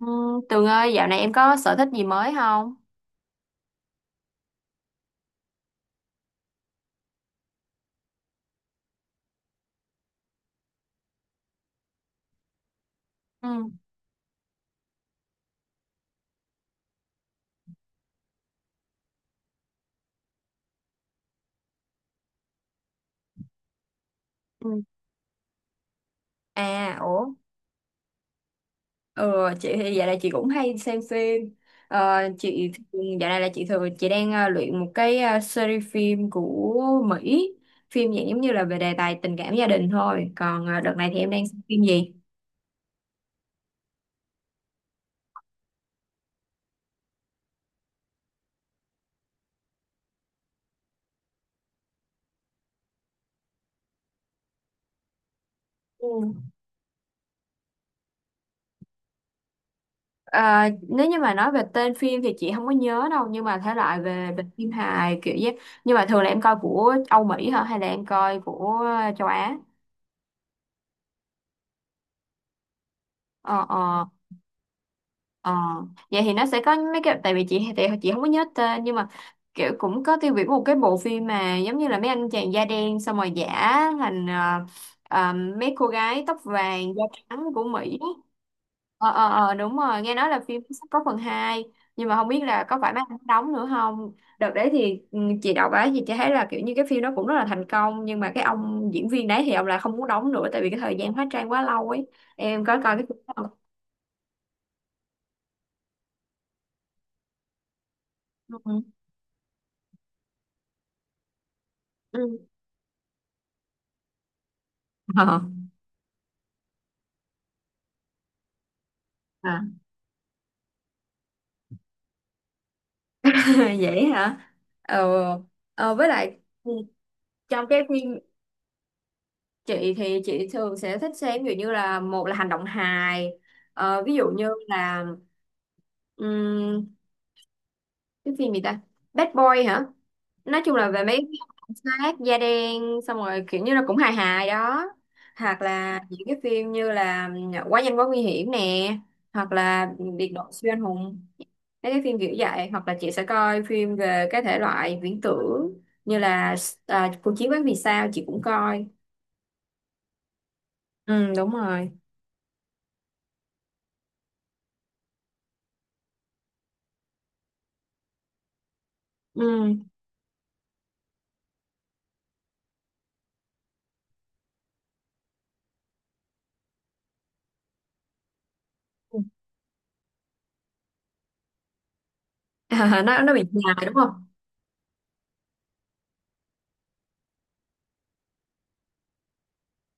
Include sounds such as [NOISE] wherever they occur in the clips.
Ừ, Tường ơi, dạo này em có sở thích gì mới không? Ừ. Ừ. À, ủa, ừ, chị thì dạo này chị cũng hay xem phim. Ờ, chị dạo này là chị thường chị đang luyện một cái series phim của Mỹ, phim dạng giống như là về đề tài tình cảm gia đình thôi. Còn đợt này thì em đang xem phim gì? Ừ. Ờ, nếu như mà nói về tên phim thì chị không có nhớ đâu, nhưng mà thể loại về về phim hài kiểu vậy. Nhưng mà thường là em coi của Âu Mỹ hả hay là em coi của châu Á? Ờ ờ. Ờ, vậy thì nó sẽ có mấy cái tại vì chị thì chị không có nhớ tên, nhưng mà kiểu cũng có tiêu biểu một cái bộ phim mà giống như là mấy anh chàng da đen xong rồi giả thành ờ, mấy cô gái tóc vàng da trắng của Mỹ. Ờ ờ ờ, đúng rồi, nghe nói là phim sắp có phần hai, nhưng mà không biết là có phải mấy anh đóng nữa không. Đợt đấy thì chị đọc á thì chị thấy là kiểu như cái phim đó cũng rất là thành công, nhưng mà cái ông diễn viên đấy thì ông lại không muốn đóng nữa tại vì cái thời gian hóa trang quá lâu ấy. Em có coi cái phim đó không? Ừ. [LAUGHS] Ừ. Ờ. À, [LAUGHS] vậy hả? Ờ, ờ, với lại trong cái phim chị thì chị thường sẽ thích xem ví dụ như là một là hành động hài, ví dụ như là ừm, cái phim gì ta, Bad Boy hả? Nói chung là về mấy cái cảnh sát da đen xong rồi kiểu như là cũng hài hài đó, hoặc là những cái phim như là Quá nhanh quá nguy hiểm nè, hoặc là Biệt đội siêu anh hùng, mấy cái phim kiểu vậy, hoặc là chị sẽ coi phim về cái thể loại viễn tưởng như là cuộc chiến quán vì sao chị cũng coi. Ừ, đúng rồi. Ừ. [LAUGHS] Nó bị dài đúng không?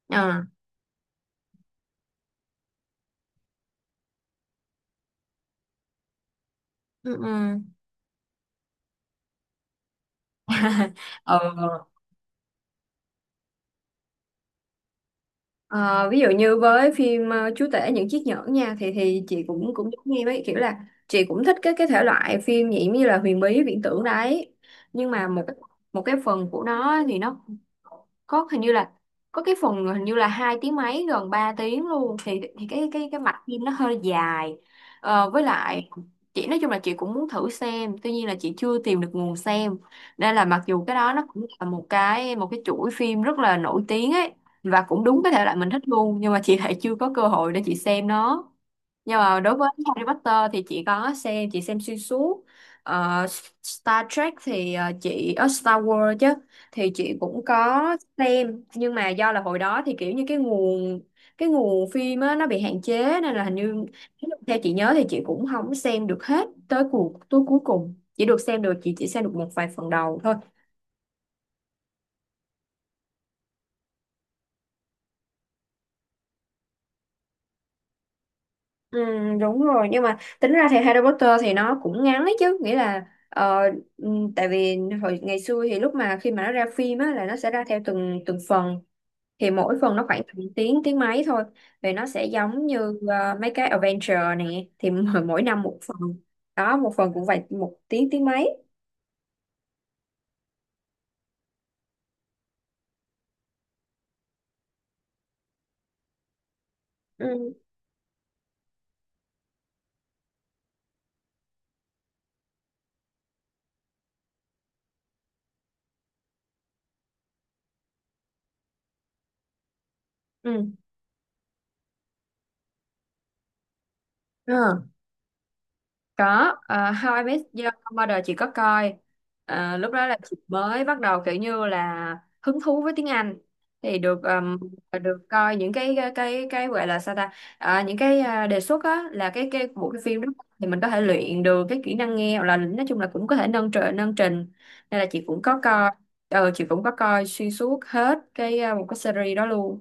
Ờ. Ừ ừ. [LAUGHS] Ờ. Ờ, ví dụ như với phim Chúa tể những chiếc nhẫn nha, thì chị cũng cũng giống em ấy, kiểu là chị cũng thích cái thể loại phim nhỉ, như là huyền bí viễn tưởng đấy, nhưng mà một một cái phần của nó thì nó có hình như là có cái phần hình như là 2 tiếng mấy, gần 3 tiếng luôn, thì cái mạch phim nó hơi dài. Ờ, với lại chị nói chung là chị cũng muốn thử xem, tuy nhiên là chị chưa tìm được nguồn xem, nên là mặc dù cái đó nó cũng là một cái chuỗi phim rất là nổi tiếng ấy, và cũng đúng cái thể loại mình thích luôn, nhưng mà chị lại chưa có cơ hội để chị xem nó. Nhưng mà đối với Harry Potter thì chị có xem, chị xem xuyên suốt. Ờ, Star Trek thì chị ở Star Wars chứ, thì chị cũng có xem, nhưng mà do là hồi đó thì kiểu như cái nguồn phim á, nó bị hạn chế, nên là hình như theo chị nhớ thì chị cũng không xem được hết tới tới cuối cùng, chỉ được xem được chị chỉ xem được một vài phần đầu thôi. Ừ, đúng rồi, nhưng mà tính ra thì Harry Potter thì nó cũng ngắn ấy chứ, nghĩa là ừ, tại vì hồi ngày xưa thì lúc mà khi mà nó ra phim á là nó sẽ ra theo từng từng phần, thì mỗi phần nó khoảng tầm tiếng tiếng mấy thôi, thì nó sẽ giống như mấy cái adventure nè, thì [LAUGHS] mỗi mỗi năm một phần, đó, một phần cũng phải một tiếng tiếng mấy. Ừ, ừ. Ờ. Có How I Met Your Mother chị có coi. Ờ, lúc đó là chị mới bắt đầu kiểu như là hứng thú với tiếng Anh, thì được được coi những cái gọi là sao ta, những cái đề xuất á là cái bộ cái phim đó, thì mình có thể luyện được cái kỹ năng nghe, hoặc là nói chung là cũng có thể nâng trình nâng trình, nên là chị cũng có coi, chị cũng có coi xuyên suốt hết cái một cái series đó luôn.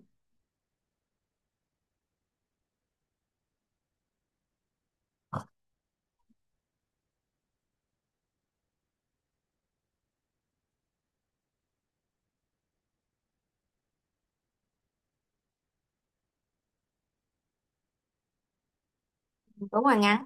Đúng rồi, ngắn.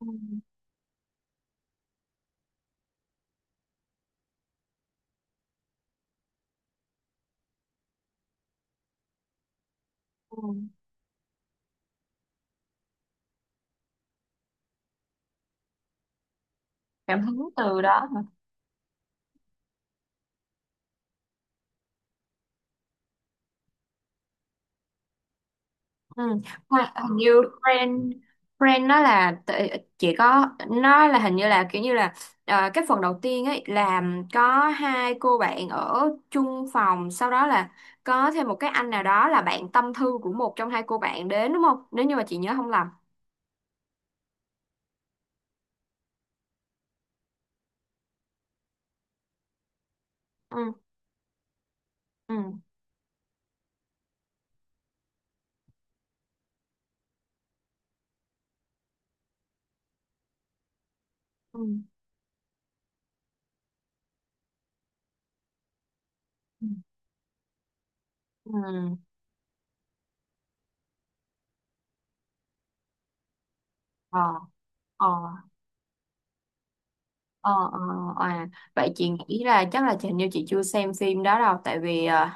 Ừ, ừ. Cảm hứng từ đó hả. Ừ. Hình như brand brand nó là chỉ có nó là hình như là kiểu như là cái phần đầu tiên ấy, làm có hai cô bạn ở chung phòng, sau đó là có thêm một cái anh nào đó là bạn tâm thư của một trong hai cô bạn đến, đúng không, nếu như mà chị nhớ không lầm. Ừ ừ ừ ừ ừ. Ờ ờ. Ờ, ờ, à, vậy chị nghĩ là chắc là hình như chị chưa xem phim đó đâu tại vì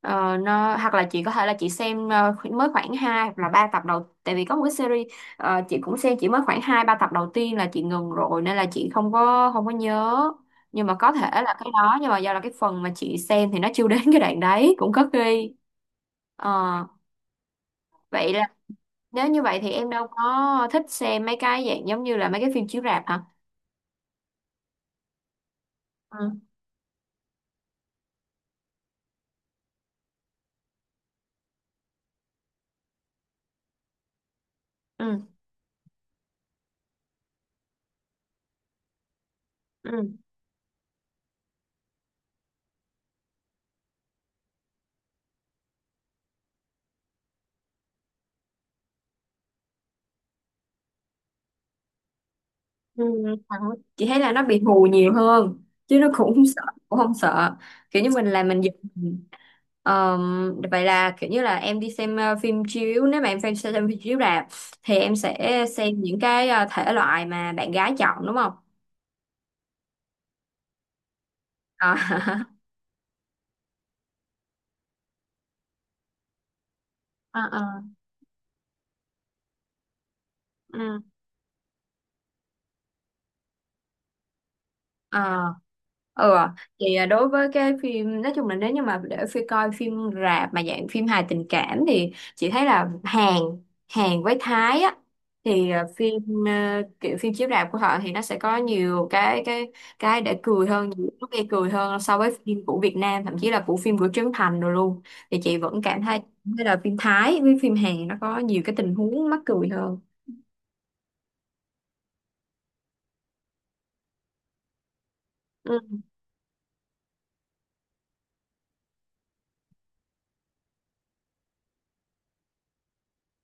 ờ, nó, hoặc là chị có thể là chị xem mới khoảng 2 hoặc là 3 tập đầu, tại vì có một cái series, chị cũng xem chỉ mới khoảng 2 3 tập đầu tiên là chị ngừng rồi, nên là chị không có nhớ, nhưng mà có thể là cái đó, nhưng mà do là cái phần mà chị xem thì nó chưa đến cái đoạn đấy cũng có khi. Ờ, vậy là nếu như vậy thì em đâu có thích xem mấy cái dạng giống như là mấy cái phim chiếu rạp hả? Ừ. Ừ. Ừ. Ừ, thật. Chị thấy là nó bị hù nhiều hơn chứ nó cũng không sợ, cũng không sợ, kiểu như mình là mình giật mình. Vậy là kiểu như là em đi xem phim chiếu nếu mà em xem phim chiếu rạp thì em sẽ xem những cái thể loại mà bạn gái chọn đúng không. Ờ. [LAUGHS] À, à. Ừ. À, ừ à. Thì đối với cái phim, nói chung là nếu như mà để phi coi phim rạp mà dạng phim hài tình cảm thì chị thấy là Hàn Hàn với Thái á, thì phim kiểu phim chiếu rạp của họ thì nó sẽ có nhiều cái để cười hơn, nhiều lúc gây cười hơn so với phim của Việt Nam, thậm chí là của phim của Trấn Thành rồi luôn. Thì chị vẫn cảm thấy thấy là phim Thái với phim Hàn nó có nhiều cái tình huống mắc cười hơn. Ừ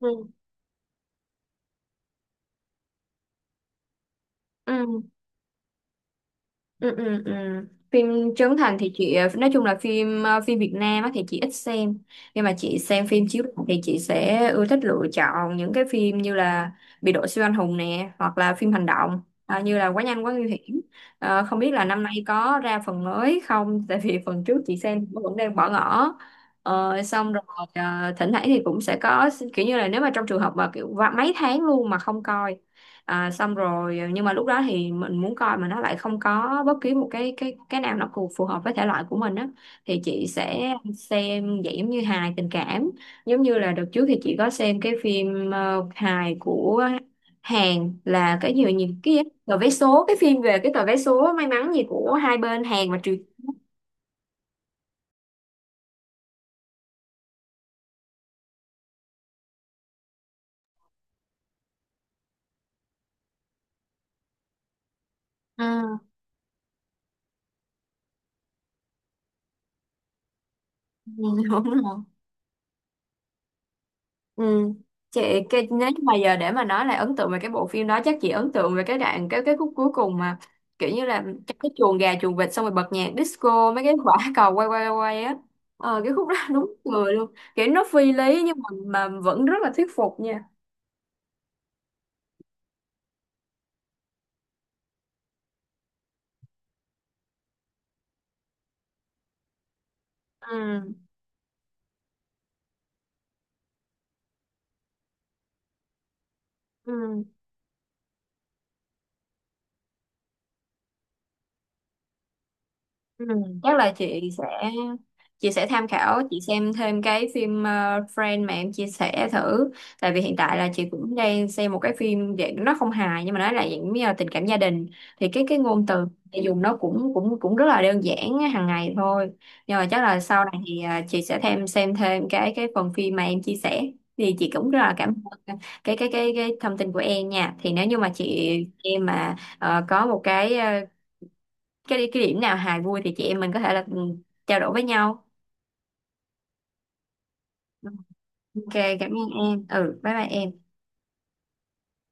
ừ ừ ừ, ừ, ừ. Phim Trấn Thành thì chị nói chung là phim phim Việt Nam á thì chị ít xem, nhưng mà chị xem phim chiếu rạp thì chị sẽ ưa thích lựa chọn những cái phim như là Biệt đội siêu anh hùng nè, hoặc là phim hành động như là Quá nhanh quá nguy hiểm. Ờ, không biết là năm nay có ra phần mới không, tại vì phần trước chị xem vẫn đang bỏ ngỏ. Ờ, xong rồi, thỉnh thoảng thì cũng sẽ có kiểu như là nếu mà trong trường hợp mà kiểu và mấy tháng luôn mà không coi. À, xong rồi, nhưng mà lúc đó thì mình muốn coi mà nó lại không có bất kỳ một cái nào nó phù phù hợp với thể loại của mình á thì chị sẽ xem dạng giống như hài tình cảm, giống như là đợt trước thì chị có xem cái phim hài của Hàn, là cái gì nhỉ, cái gì? Tờ vé số, cái phim về cái tờ vé số may mắn gì của hai bên Hàn và Triều. Ừ. [LAUGHS] đúng không? Ừ. Chị, cái nếu như mà giờ để mà nói là ấn tượng về cái bộ phim đó chắc chị ấn tượng về cái đoạn cái khúc cuối cùng mà kiểu như là trong cái chuồng gà chuồng vịt xong rồi bật nhạc disco, mấy cái quả cầu quay quay quay á, cái khúc đó [LAUGHS] đúng người luôn, kiểu nó phi lý nhưng mà vẫn rất là thuyết phục nha. Ừ. Ừ. Ừ, chắc là chị sẽ tham khảo, chị xem thêm cái phim Friend mà em chia sẻ thử, tại vì hiện tại là chị cũng đang xem một cái phim dạng nó không hài nhưng mà nó là dạng như là tình cảm gia đình, thì cái ngôn từ chị dùng nó cũng cũng cũng rất là đơn giản á, hàng ngày thôi, nhưng mà chắc là sau này thì chị sẽ xem thêm cái phần phim mà em chia sẻ, thì chị cũng rất là cảm ơn cái thông tin của em nha. Thì nếu như mà chị em mà có một cái cái điểm nào hài vui thì chị em mình có thể là trao đổi với nhau. OK, cảm ơn em. Ừ, bye bye em.